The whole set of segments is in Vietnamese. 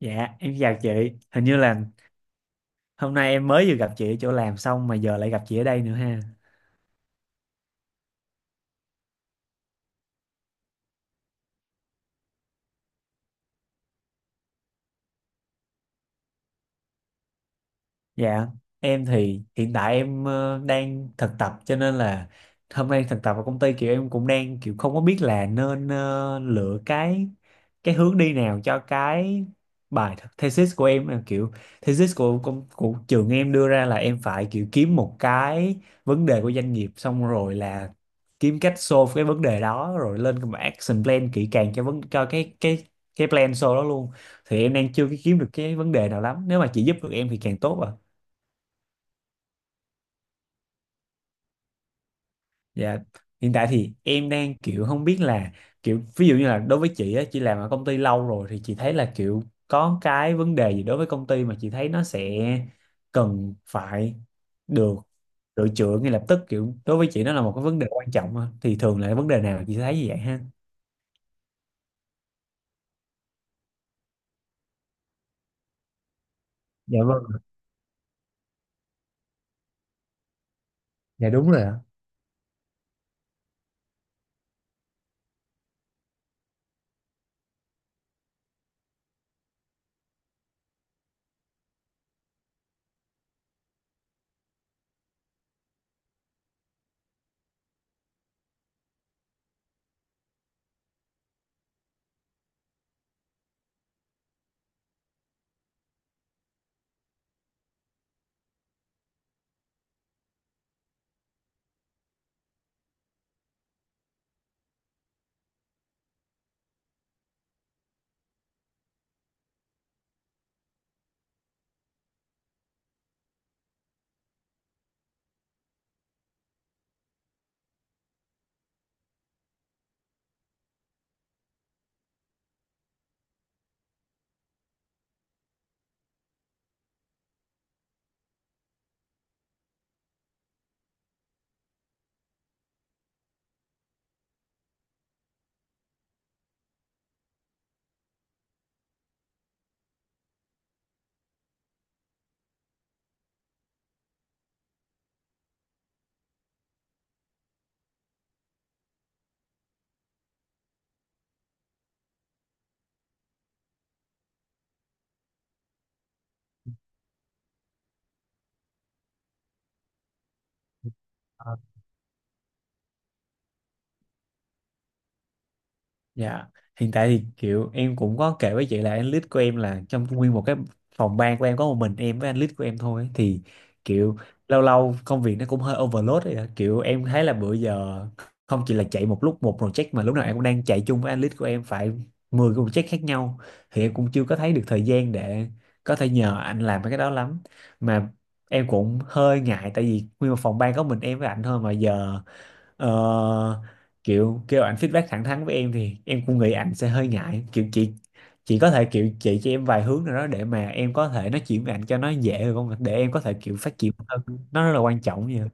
Dạ, em chào chị. Hình như là hôm nay em mới vừa gặp chị ở chỗ làm xong mà giờ lại gặp chị ở đây nữa ha. Dạ, em thì hiện tại em đang thực tập cho nên là hôm nay thực tập ở công ty, kiểu em cũng đang kiểu không có biết là nên lựa cái hướng đi nào cho cái bài thesis của em. Em kiểu thesis của trường em đưa ra là em phải kiểu kiếm một cái vấn đề của doanh nghiệp, xong rồi là kiếm cách solve cái vấn đề đó, rồi lên cái action plan kỹ càng cho vấn cho cái plan solve đó luôn. Thì em đang chưa kiếm được cái vấn đề nào lắm, nếu mà chị giúp được em thì càng tốt ạ. Dạ, hiện tại thì em đang kiểu không biết là kiểu ví dụ như là đối với chị á, chị làm ở công ty lâu rồi thì chị thấy là kiểu có cái vấn đề gì đối với công ty mà chị thấy nó sẽ cần phải được sửa chữa ngay lập tức, kiểu đối với chị nó là một cái vấn đề quan trọng á. Thì thường là vấn đề nào chị thấy như vậy ha? Dạ vâng, dạ đúng rồi ạ. Dạ, hiện tại thì kiểu em cũng có kể với chị là anh lead của em, là trong nguyên một cái phòng ban của em có một mình em với anh lead của em thôi ấy. Thì kiểu lâu lâu công việc nó cũng hơi overload ấy ạ. Kiểu em thấy là bữa giờ không chỉ là chạy một lúc một project mà lúc nào em cũng đang chạy chung với anh lead của em phải 10 cái project khác nhau. Thì em cũng chưa có thấy được thời gian để có thể nhờ anh làm mấy cái đó lắm, mà em cũng hơi ngại tại vì nguyên một phòng ban có mình em với anh thôi mà giờ Ờ, kiểu kêu ảnh feedback thẳng thắn với em thì em cũng nghĩ ảnh sẽ hơi ngại. Kiểu chị có thể kiểu chỉ cho em vài hướng nào đó để mà em có thể nói chuyện với ảnh cho nó dễ được không, để em có thể kiểu phát triển hơn, nó rất là quan trọng vậy.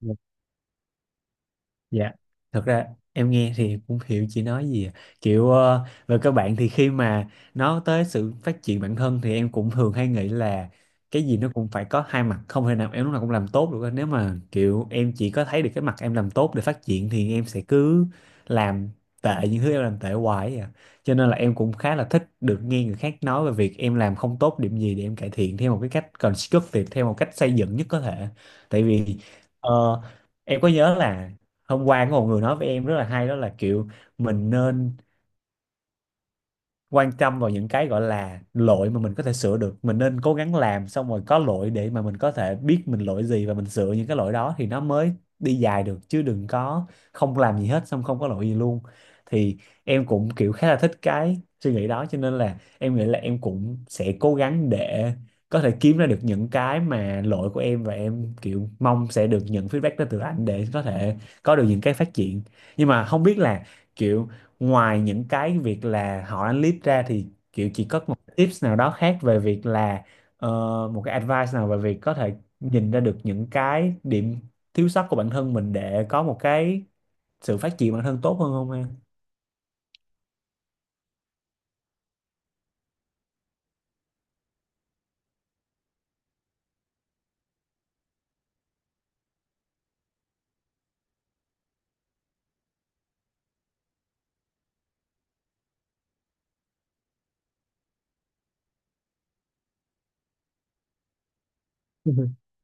Dạ. Dạ, thật ra em nghe thì cũng hiểu chị nói gì à. Kiểu về các bạn thì khi mà nói tới sự phát triển bản thân thì em cũng thường hay nghĩ là cái gì nó cũng phải có hai mặt, không thể nào em lúc nào cũng làm tốt được. Nếu mà kiểu em chỉ có thấy được cái mặt em làm tốt để phát triển thì em sẽ cứ làm tệ những thứ em làm tệ hoài ấy à. Cho nên là em cũng khá là thích được nghe người khác nói về việc em làm không tốt điểm gì để em cải thiện theo một cái cách constructive, theo một cách xây dựng nhất có thể. Tại vì ờ, Em có nhớ là hôm qua có một người nói với em rất là hay, đó là kiểu mình nên quan tâm vào những cái gọi là lỗi mà mình có thể sửa được, mình nên cố gắng làm xong rồi có lỗi để mà mình có thể biết mình lỗi gì và mình sửa những cái lỗi đó thì nó mới đi dài được, chứ đừng có không làm gì hết xong không có lỗi gì luôn. Thì em cũng kiểu khá là thích cái suy nghĩ đó, cho nên là em nghĩ là em cũng sẽ cố gắng để có thể kiếm ra được những cái mà lỗi của em, và em kiểu mong sẽ được nhận feedback đó từ anh để có thể có được những cái phát triển. Nhưng mà không biết là, kiểu ngoài những cái việc là họ ăn lead ra thì kiểu chị có một tips nào đó khác về việc là ờ, một cái advice nào về việc có thể nhìn ra được những cái điểm thiếu sót của bản thân mình để có một cái sự phát triển bản thân tốt hơn không em?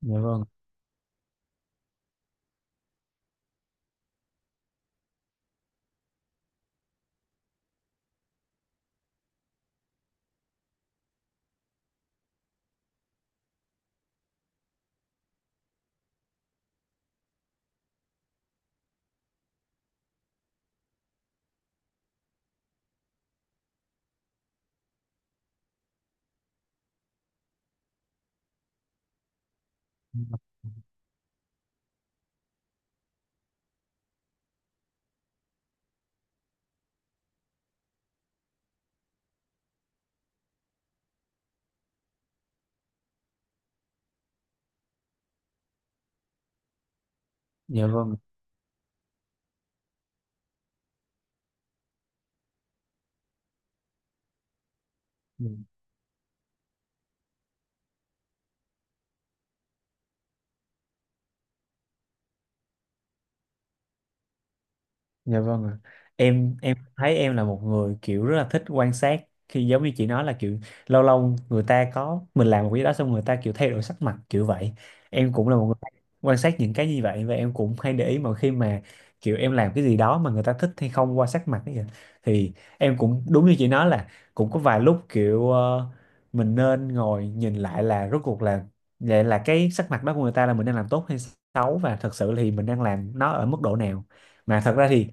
Dạ vâng. Dạ vâng. Dạ vâng ạ. Em thấy em là một người kiểu rất là thích quan sát, khi giống như chị nói là kiểu lâu lâu người ta có mình làm một cái gì đó xong người ta kiểu thay đổi sắc mặt kiểu vậy. Em cũng là một người quan sát những cái như vậy, và em cũng hay để ý mọi khi mà kiểu em làm cái gì đó mà người ta thích hay không qua sắc mặt ấy kìa. Thì em cũng đúng như chị nói là cũng có vài lúc kiểu mình nên ngồi nhìn lại là rốt cuộc là vậy, là cái sắc mặt đó của người ta là mình đang làm tốt hay xấu, và thật sự thì mình đang làm nó ở mức độ nào. Mà thật ra thì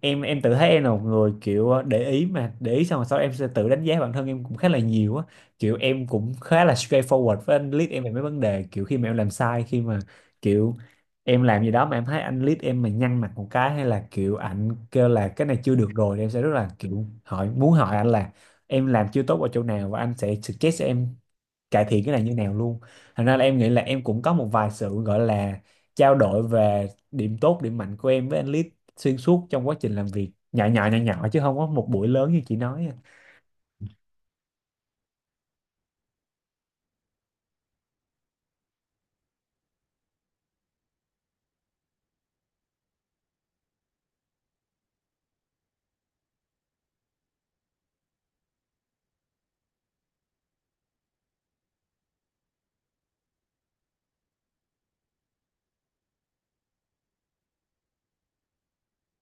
em tự thấy em là một người kiểu để ý, mà để ý xong rồi sau đó em sẽ tự đánh giá bản thân em cũng khá là nhiều á. Kiểu em cũng khá là straightforward với anh lead em về mấy vấn đề, kiểu khi mà em làm sai, khi mà kiểu em làm gì đó mà em thấy anh lead em mà nhăn mặt một cái, hay là kiểu ảnh kêu là cái này chưa được rồi thì em sẽ rất là kiểu hỏi, muốn hỏi anh là em làm chưa tốt ở chỗ nào và anh sẽ suggest cho em cải thiện cái này như nào luôn. Thành ra là em nghĩ là em cũng có một vài sự gọi là trao đổi về điểm tốt, điểm mạnh của em với anh Lít xuyên suốt trong quá trình làm việc, nhỏ nhỏ nhỏ nhỏ chứ không có một buổi lớn như chị nói à.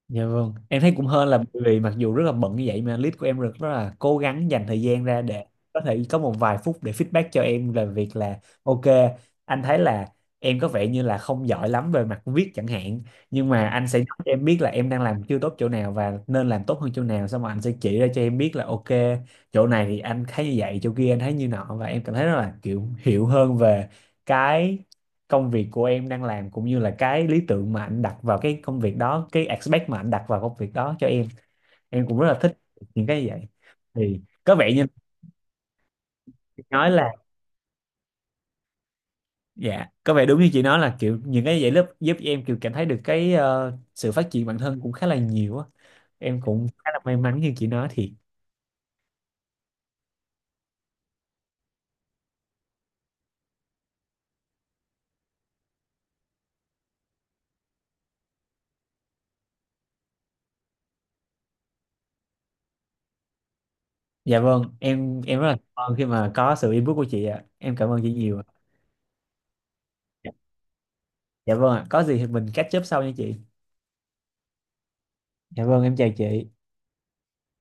Dạ vâng, em thấy cũng hên là bởi vì mặc dù rất là bận như vậy mà lead của em rất rất là cố gắng dành thời gian ra để có thể có một vài phút để feedback cho em về việc là ok, anh thấy là em có vẻ như là không giỏi lắm về mặt viết chẳng hạn, nhưng mà anh sẽ nói cho em biết là em đang làm chưa tốt chỗ nào và nên làm tốt hơn chỗ nào, xong rồi anh sẽ chỉ ra cho em biết là ok, chỗ này thì anh thấy như vậy, chỗ kia anh thấy như nọ, và em cảm thấy rất là kiểu hiểu hơn về cái công việc của em đang làm, cũng như là cái lý tưởng mà anh đặt vào cái công việc đó, cái expect mà anh đặt vào công việc đó cho em. Em cũng rất là thích những cái như vậy. Thì có vẻ như chị nói là, dạ có vẻ đúng như chị nói là kiểu những cái vậy lớp giúp em kiểu cảm thấy được cái sự phát triển bản thân cũng khá là nhiều á. Em cũng khá là may mắn như chị nói thiệt. Dạ vâng, em rất là cảm ơn khi mà có sự input của chị ạ, em cảm ơn chị nhiều ạ. Dạ vâng ạ, có gì thì mình catch up sau nha chị. Dạ vâng, em chào chị.